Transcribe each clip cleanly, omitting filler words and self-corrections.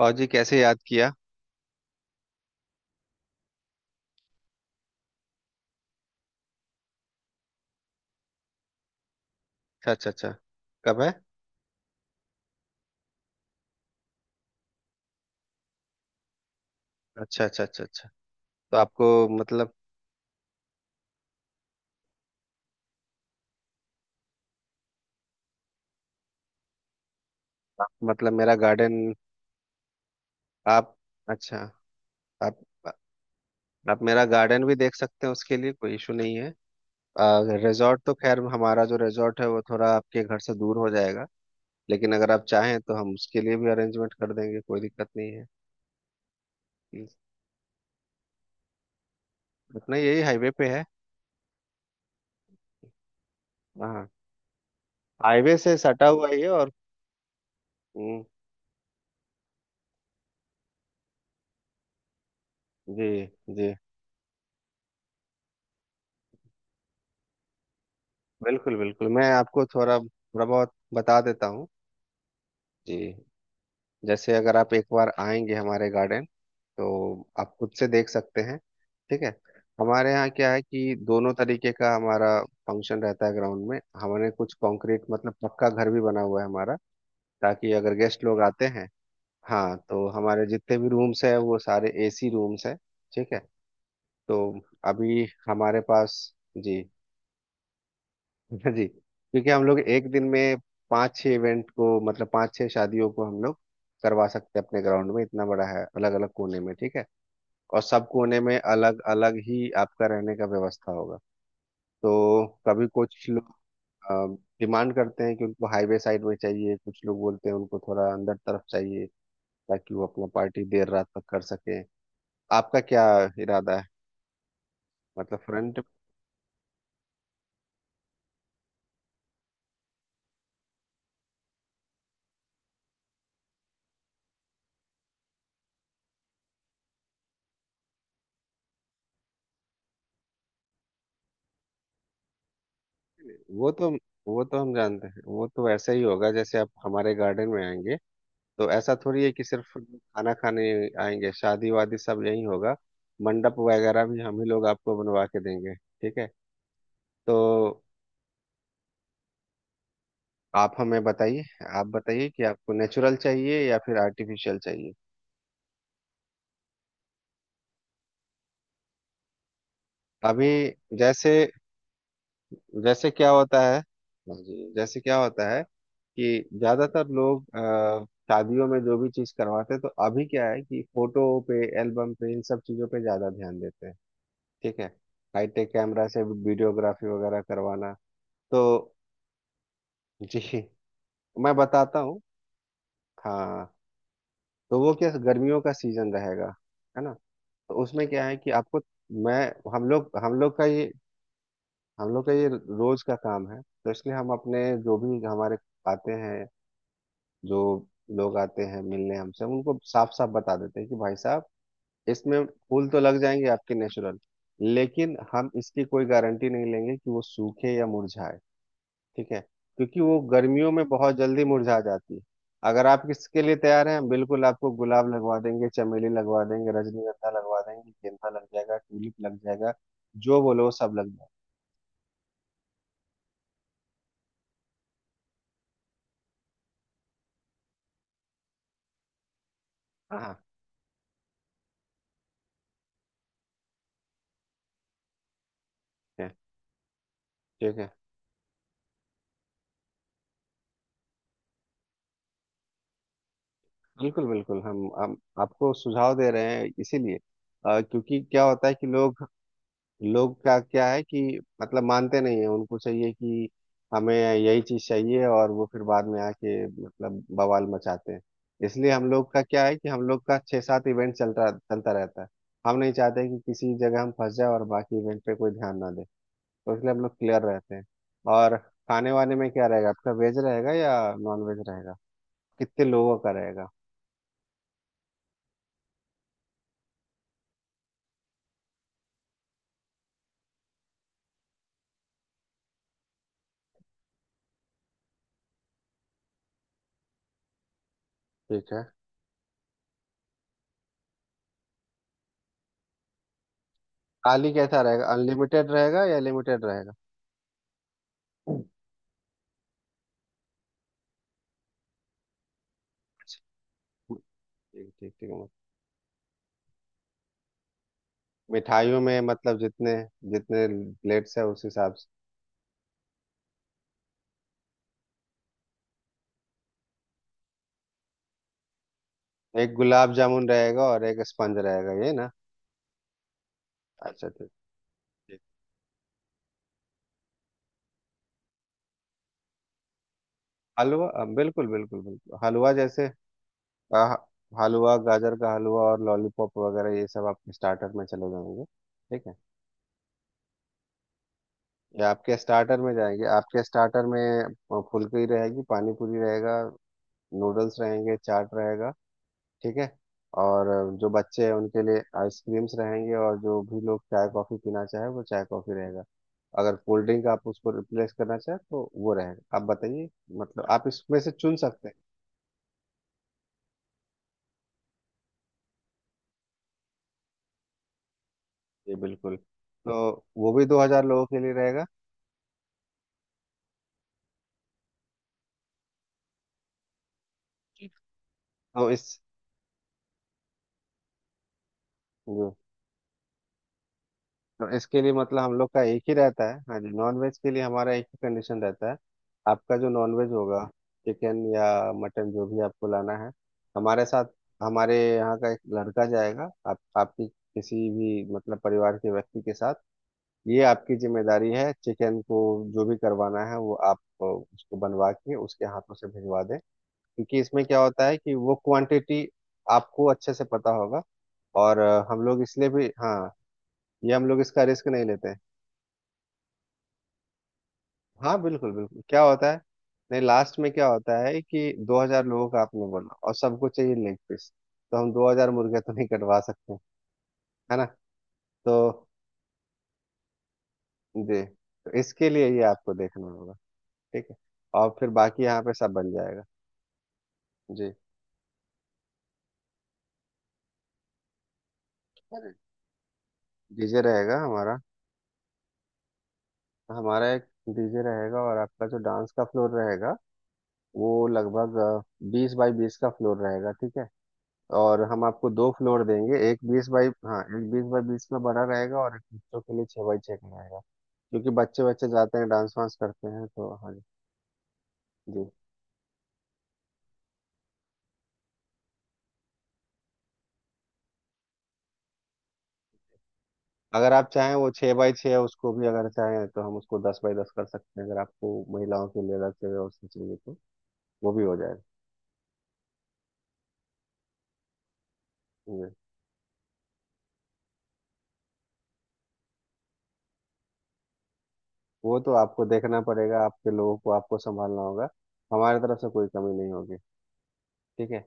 और जी कैसे याद किया। अच्छा, अच्छा, अच्छा। कब है? अच्छा, अच्छा, अच्छा, अच्छा। तो आपको मतलब मतलब मेरा गार्डन। आप अच्छा। आप आप मेरा गार्डन भी देख सकते हैं, उसके लिए कोई इशू नहीं है। रिजॉर्ट तो खैर हमारा जो रिजॉर्ट है वो थोड़ा आपके घर से दूर हो जाएगा, लेकिन अगर आप चाहें तो हम उसके लिए भी अरेंजमेंट कर देंगे, कोई दिक्कत नहीं है। अपना यही हाईवे पे है। हाँ, हाईवे से सटा हुआ ही है। और हम्म। जी। जी, बिल्कुल, बिल्कुल मैं आपको थोड़ा थोड़ा बहुत बता देता हूँ। जी। जैसे अगर आप एक बार आएंगे हमारे गार्डन तो आप खुद से देख सकते हैं। ठीक है। हमारे यहाँ क्या है कि दोनों तरीके का हमारा फंक्शन रहता है, ग्राउंड में हमने कुछ कंक्रीट मतलब पक्का घर भी बना हुआ है हमारा, ताकि अगर गेस्ट लोग आते हैं। हाँ, तो हमारे जितने भी रूम्स हैं वो सारे एसी रूम्स हैं। ठीक है। तो अभी हमारे पास। जी। हाँ जी, क्योंकि हम लोग एक दिन में पाँच छह इवेंट को मतलब पाँच छह शादियों को हम लोग करवा सकते हैं अपने ग्राउंड में, इतना बड़ा है। अलग अलग कोने में, ठीक है, और सब कोने में अलग अलग ही आपका रहने का व्यवस्था होगा। तो कभी कुछ लोग डिमांड करते हैं कि उनको हाईवे साइड में चाहिए, कुछ लोग बोलते हैं उनको थोड़ा अंदर तरफ चाहिए ताकि वो अपना पार्टी देर रात तक कर सके। आपका क्या इरादा है? मतलब फ्रंट। वो तो वो तो हम जानते हैं, वो तो वैसा ही होगा। जैसे आप हमारे गार्डन में आएंगे तो ऐसा थोड़ी है कि सिर्फ खाना खाने आएंगे, शादी वादी सब यही होगा। मंडप वगैरह भी हम ही लोग आपको बनवा के देंगे, ठीक है। तो आप हमें बताइए, आप बताइए कि आपको नेचुरल चाहिए या फिर आर्टिफिशियल चाहिए। अभी जैसे जैसे क्या होता है? हाँ जी। जैसे क्या होता है कि ज्यादातर लोग शादियों में जो भी चीज करवाते हैं, तो अभी क्या है कि फोटो पे, एल्बम पे, इन सब चीजों पे ज्यादा ध्यान देते हैं। ठीक है। हाईटेक कैमरा से वीडियोग्राफी वगैरह करवाना। तो जी, मैं बताता हूँ। हाँ, तो वो क्या गर्मियों का सीजन रहेगा, है ना? तो उसमें क्या है कि आपको मैं हम लोग हम लोग का ये हम लोग का ये रोज का काम है, तो इसलिए हम अपने आते हैं जो लोग आते हैं मिलने हमसे, हम उनको साफ साफ बता देते हैं कि भाई साहब, इसमें फूल तो लग जाएंगे आपके नेचुरल, लेकिन हम इसकी कोई गारंटी नहीं लेंगे कि वो सूखे या मुरझाए। ठीक है, क्योंकि वो गर्मियों में बहुत जल्दी मुरझा जाती है। अगर आप किसके लिए तैयार हैं, बिल्कुल आपको गुलाब लगवा देंगे, चमेली लगवा देंगे, रजनीगंधा लगवा देंगे, गेंदा लग जाएगा, ट्यूलिप लग जाएगा, जो बोलो सब लग जाएगा। हाँ, ठीक है, ठीक है। बिल्कुल, बिल्कुल हम आपको सुझाव दे रहे हैं इसीलिए। क्योंकि क्या होता है कि लोग लोग का क्या है कि मतलब मानते नहीं है, उनको चाहिए कि हमें यही चीज चाहिए, और वो फिर बाद में आके मतलब बवाल मचाते हैं। इसलिए हम लोग का क्या है कि हम लोग का छः सात इवेंट चलता चलता रहता है, हम नहीं चाहते कि किसी जगह हम फंस जाए और बाकी इवेंट पे कोई ध्यान ना दे, तो इसलिए हम लोग क्लियर रहते हैं। और खाने वाने में क्या रहेगा? आपका वेज रहेगा या नॉन वेज रहेगा? कितने लोगों का रहेगा? ठीक है। थाली कैसा रहेगा, अनलिमिटेड रहेगा या लिमिटेड रहेगा? ठीक, ठीक, ठीक। मिठाइयों में मतलब जितने जितने प्लेट्स है उस हिसाब से। एक गुलाब जामुन रहेगा और एक स्पंज रहेगा, ये ना? अच्छा, ठीक। ठीक, हलवा बिल्कुल, बिल्कुल, बिल्कुल हलवा। जैसे अ, हलवा, गाजर का हलवा, और लॉलीपॉप वगैरह ये सब आपके स्टार्टर में चले जाएंगे, ठीक है। ये आपके स्टार्टर में जाएंगे। आपके स्टार्टर में फुलकी रहेगी, पानी पूरी रहेगा, नूडल्स रहेंगे, चाट रहेगा। ठीक है। और जो बच्चे हैं उनके लिए आइसक्रीम्स रहेंगे, और जो भी लोग चाय कॉफ़ी पीना चाहे, वो चाय कॉफ़ी रहेगा। अगर कोल्ड ड्रिंक आप उसको रिप्लेस करना चाहें तो वो रहेगा, आप बताइए। मतलब आप इसमें से चुन सकते हैं। जी बिल्कुल। तो वो भी 2,000 लोगों के लिए रहेगा। तो इस जी, तो इसके लिए मतलब हम लोग का एक ही रहता है, हाँ जी, नॉन वेज के लिए हमारा एक ही कंडीशन रहता है। आपका जो नॉन वेज होगा, चिकन या मटन, जो भी आपको लाना है, हमारे साथ हमारे यहाँ का एक लड़का जाएगा आप आपकी किसी भी मतलब परिवार के व्यक्ति के साथ। ये आपकी जिम्मेदारी है, चिकन को जो भी करवाना है, वो आप उसको बनवा के उसके हाथों से भिजवा दें, क्योंकि इसमें क्या होता है कि वो क्वांटिटी आपको अच्छे से पता होगा। और हम लोग इसलिए भी, हाँ, ये हम लोग इसका रिस्क नहीं लेते हैं। हाँ बिल्कुल, बिल्कुल, क्या होता है, नहीं, लास्ट में क्या होता है कि 2,000 लोगों का आपने बोला और सबको चाहिए लेग पीस, तो हम 2,000 मुर्गे तो नहीं कटवा सकते, है ना? तो जी, तो इसके लिए ये आपको देखना होगा, ठीक है, और फिर बाकी यहाँ पे सब बन जाएगा। जी, डीजे रहेगा हमारा। हमारा एक डीजे रहेगा, और आपका जो डांस का फ्लोर रहेगा, वो लगभग 20 बाई 20 का फ्लोर रहेगा, ठीक है। और हम आपको दो फ्लोर देंगे, एक बीस बाई, हाँ, एक 20 बाई 20 में बड़ा रहेगा और एक बच्चों के लिए 6 बाई 6 का रहेगा, क्योंकि बच्चे बच्चे जाते हैं, डांस वांस करते हैं, तो हाँ। जी। अगर आप चाहें वो 6 बाई 6 उसको भी, अगर चाहें तो हम उसको 10 बाई 10 कर सकते हैं, अगर आपको महिलाओं के लिए अलग से व्यवस्था चाहिए तो वो भी हो जाएगा। वो तो आपको देखना पड़ेगा, आपके लोगों को आपको संभालना होगा, हमारे तरफ से कोई कमी नहीं होगी, ठीक है।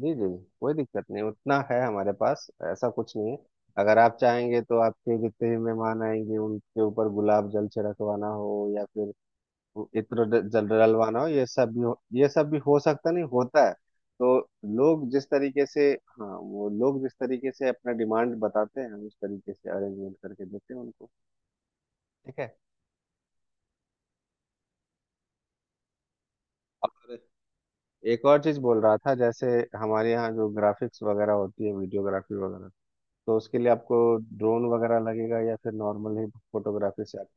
जी, जी, जी, कोई दिक्कत नहीं, उतना है हमारे पास, ऐसा कुछ नहीं है। अगर आप चाहेंगे तो आपके जितने भी मेहमान आएंगे उनके ऊपर गुलाब जल छिड़कवाना हो, या फिर वो इत्र जल डलवाना हो, ये सब भी हो सकता, नहीं होता है तो। लोग जिस तरीके से, हाँ, वो लोग जिस तरीके से अपना डिमांड बताते हैं, हम उस तरीके से अरेंजमेंट करके देते हैं उनको, ठीक है। और एक और चीज बोल रहा था, जैसे हमारे यहाँ जो ग्राफिक्स वगैरह होती है, वीडियोग्राफी वगैरह, तो उसके लिए आपको ड्रोन वगैरह लगेगा या फिर नॉर्मल ही फोटोग्राफी से आप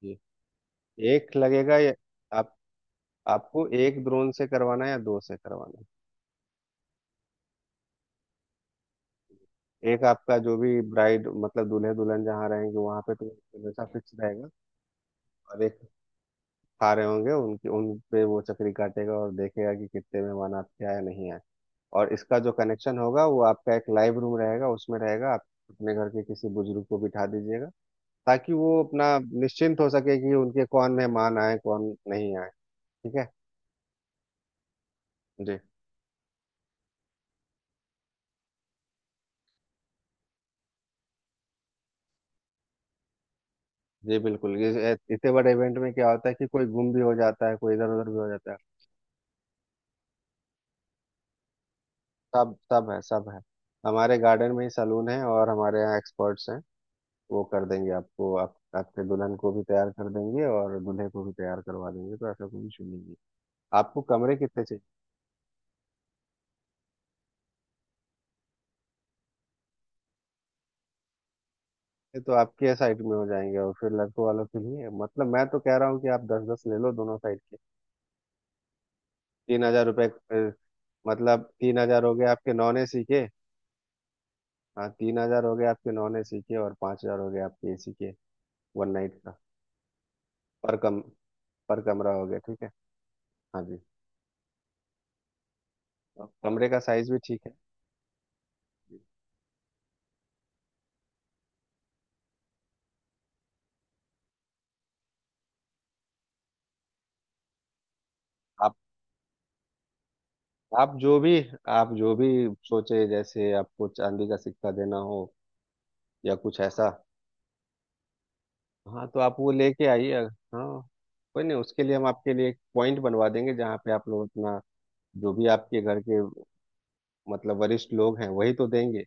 कीजिए? एक लगेगा या आप आपको एक ड्रोन से करवाना है या दो से करवाना है? एक आपका जो भी ब्राइड मतलब दूल्हे दुल्हन जहाँ रहेंगे वहां पे तो हमेशा फिक्स रहेगा, और एक खा रहे होंगे उनके, उन पे वो चक्री काटेगा और देखेगा कि कितने मेहमान आपके आए नहीं आए, और इसका जो कनेक्शन होगा वो आपका एक लाइव रूम रहेगा, उसमें रहेगा, आप अपने घर के किसी बुजुर्ग को बिठा दीजिएगा, ताकि वो अपना निश्चिंत हो सके कि उनके कौन मेहमान आए कौन नहीं आए, ठीक है। जी, जी बिल्कुल, ये इतने बड़े इवेंट में क्या होता है कि कोई गुम भी हो जाता है, कोई इधर उधर भी हो जाता है। सब सब है सब है। हमारे गार्डन में ही सलून है और हमारे यहाँ एक्सपर्ट्स हैं, वो कर देंगे आपको, आपके दुल्हन को भी तैयार कर देंगे और दूल्हे को भी तैयार करवा देंगे, तो ऐसा कोई इशू नहीं है। आपको कमरे कितने चाहिए? ये तो आपके साइड में हो जाएंगे, और फिर लड़कों वालों के लिए, मतलब मैं तो कह रहा हूँ कि आप दस दस ले लो दोनों साइड के। 3,000 रुपये, अ, मतलब 3,000 हो गए आपके नॉन एसी के। हाँ, 3,000 हो गए आपके नॉन एसी के और 5,000 हो गए आपके एसी के, वन नाइट का। पर कम पर कमरा हो गया, ठीक है। हाँ जी। और कमरे का साइज भी ठीक है। आप आप जो भी आप जो भी सोचे, जैसे आपको चांदी का सिक्का देना हो या कुछ ऐसा। हाँ, तो आप वो लेके आइए। हाँ, कोई नहीं, उसके लिए हम आपके लिए एक पॉइंट बनवा देंगे जहाँ पे आप लोग अपना जो भी आपके घर के मतलब वरिष्ठ लोग हैं वही तो देंगे,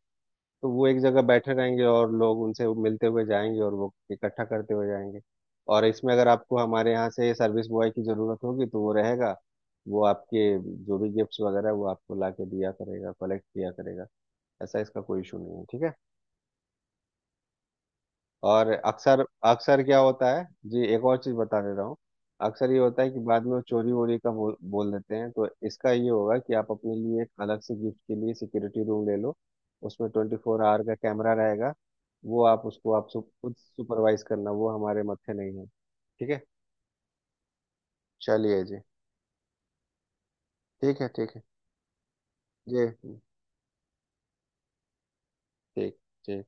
तो वो एक जगह बैठे रहेंगे और लोग उनसे मिलते हुए जाएंगे और वो इकट्ठा करते हुए जाएंगे। और इसमें अगर आपको हमारे यहाँ से सर्विस बॉय की ज़रूरत होगी तो वो रहेगा, वो आपके जो भी गिफ्ट्स वगैरह वो आपको ला के दिया करेगा, कलेक्ट किया करेगा, ऐसा इसका कोई इशू नहीं है, ठीक है। और अक्सर अक्सर क्या होता है, जी, एक और चीज बता दे रहा हूँ, अक्सर ये होता है कि बाद में वो चोरी वोरी का बोल बोल देते हैं, तो इसका ये होगा कि आप अपने लिए एक अलग से गिफ्ट के लिए सिक्योरिटी रूम ले लो, उसमें 24 आवर का कैमरा रहेगा। वो आप उसको खुद सुपरवाइज करना, वो हमारे मत्थे नहीं है, ठीक है। चलिए जी, ठीक है, ठीक है जी, ठीक, ठीक।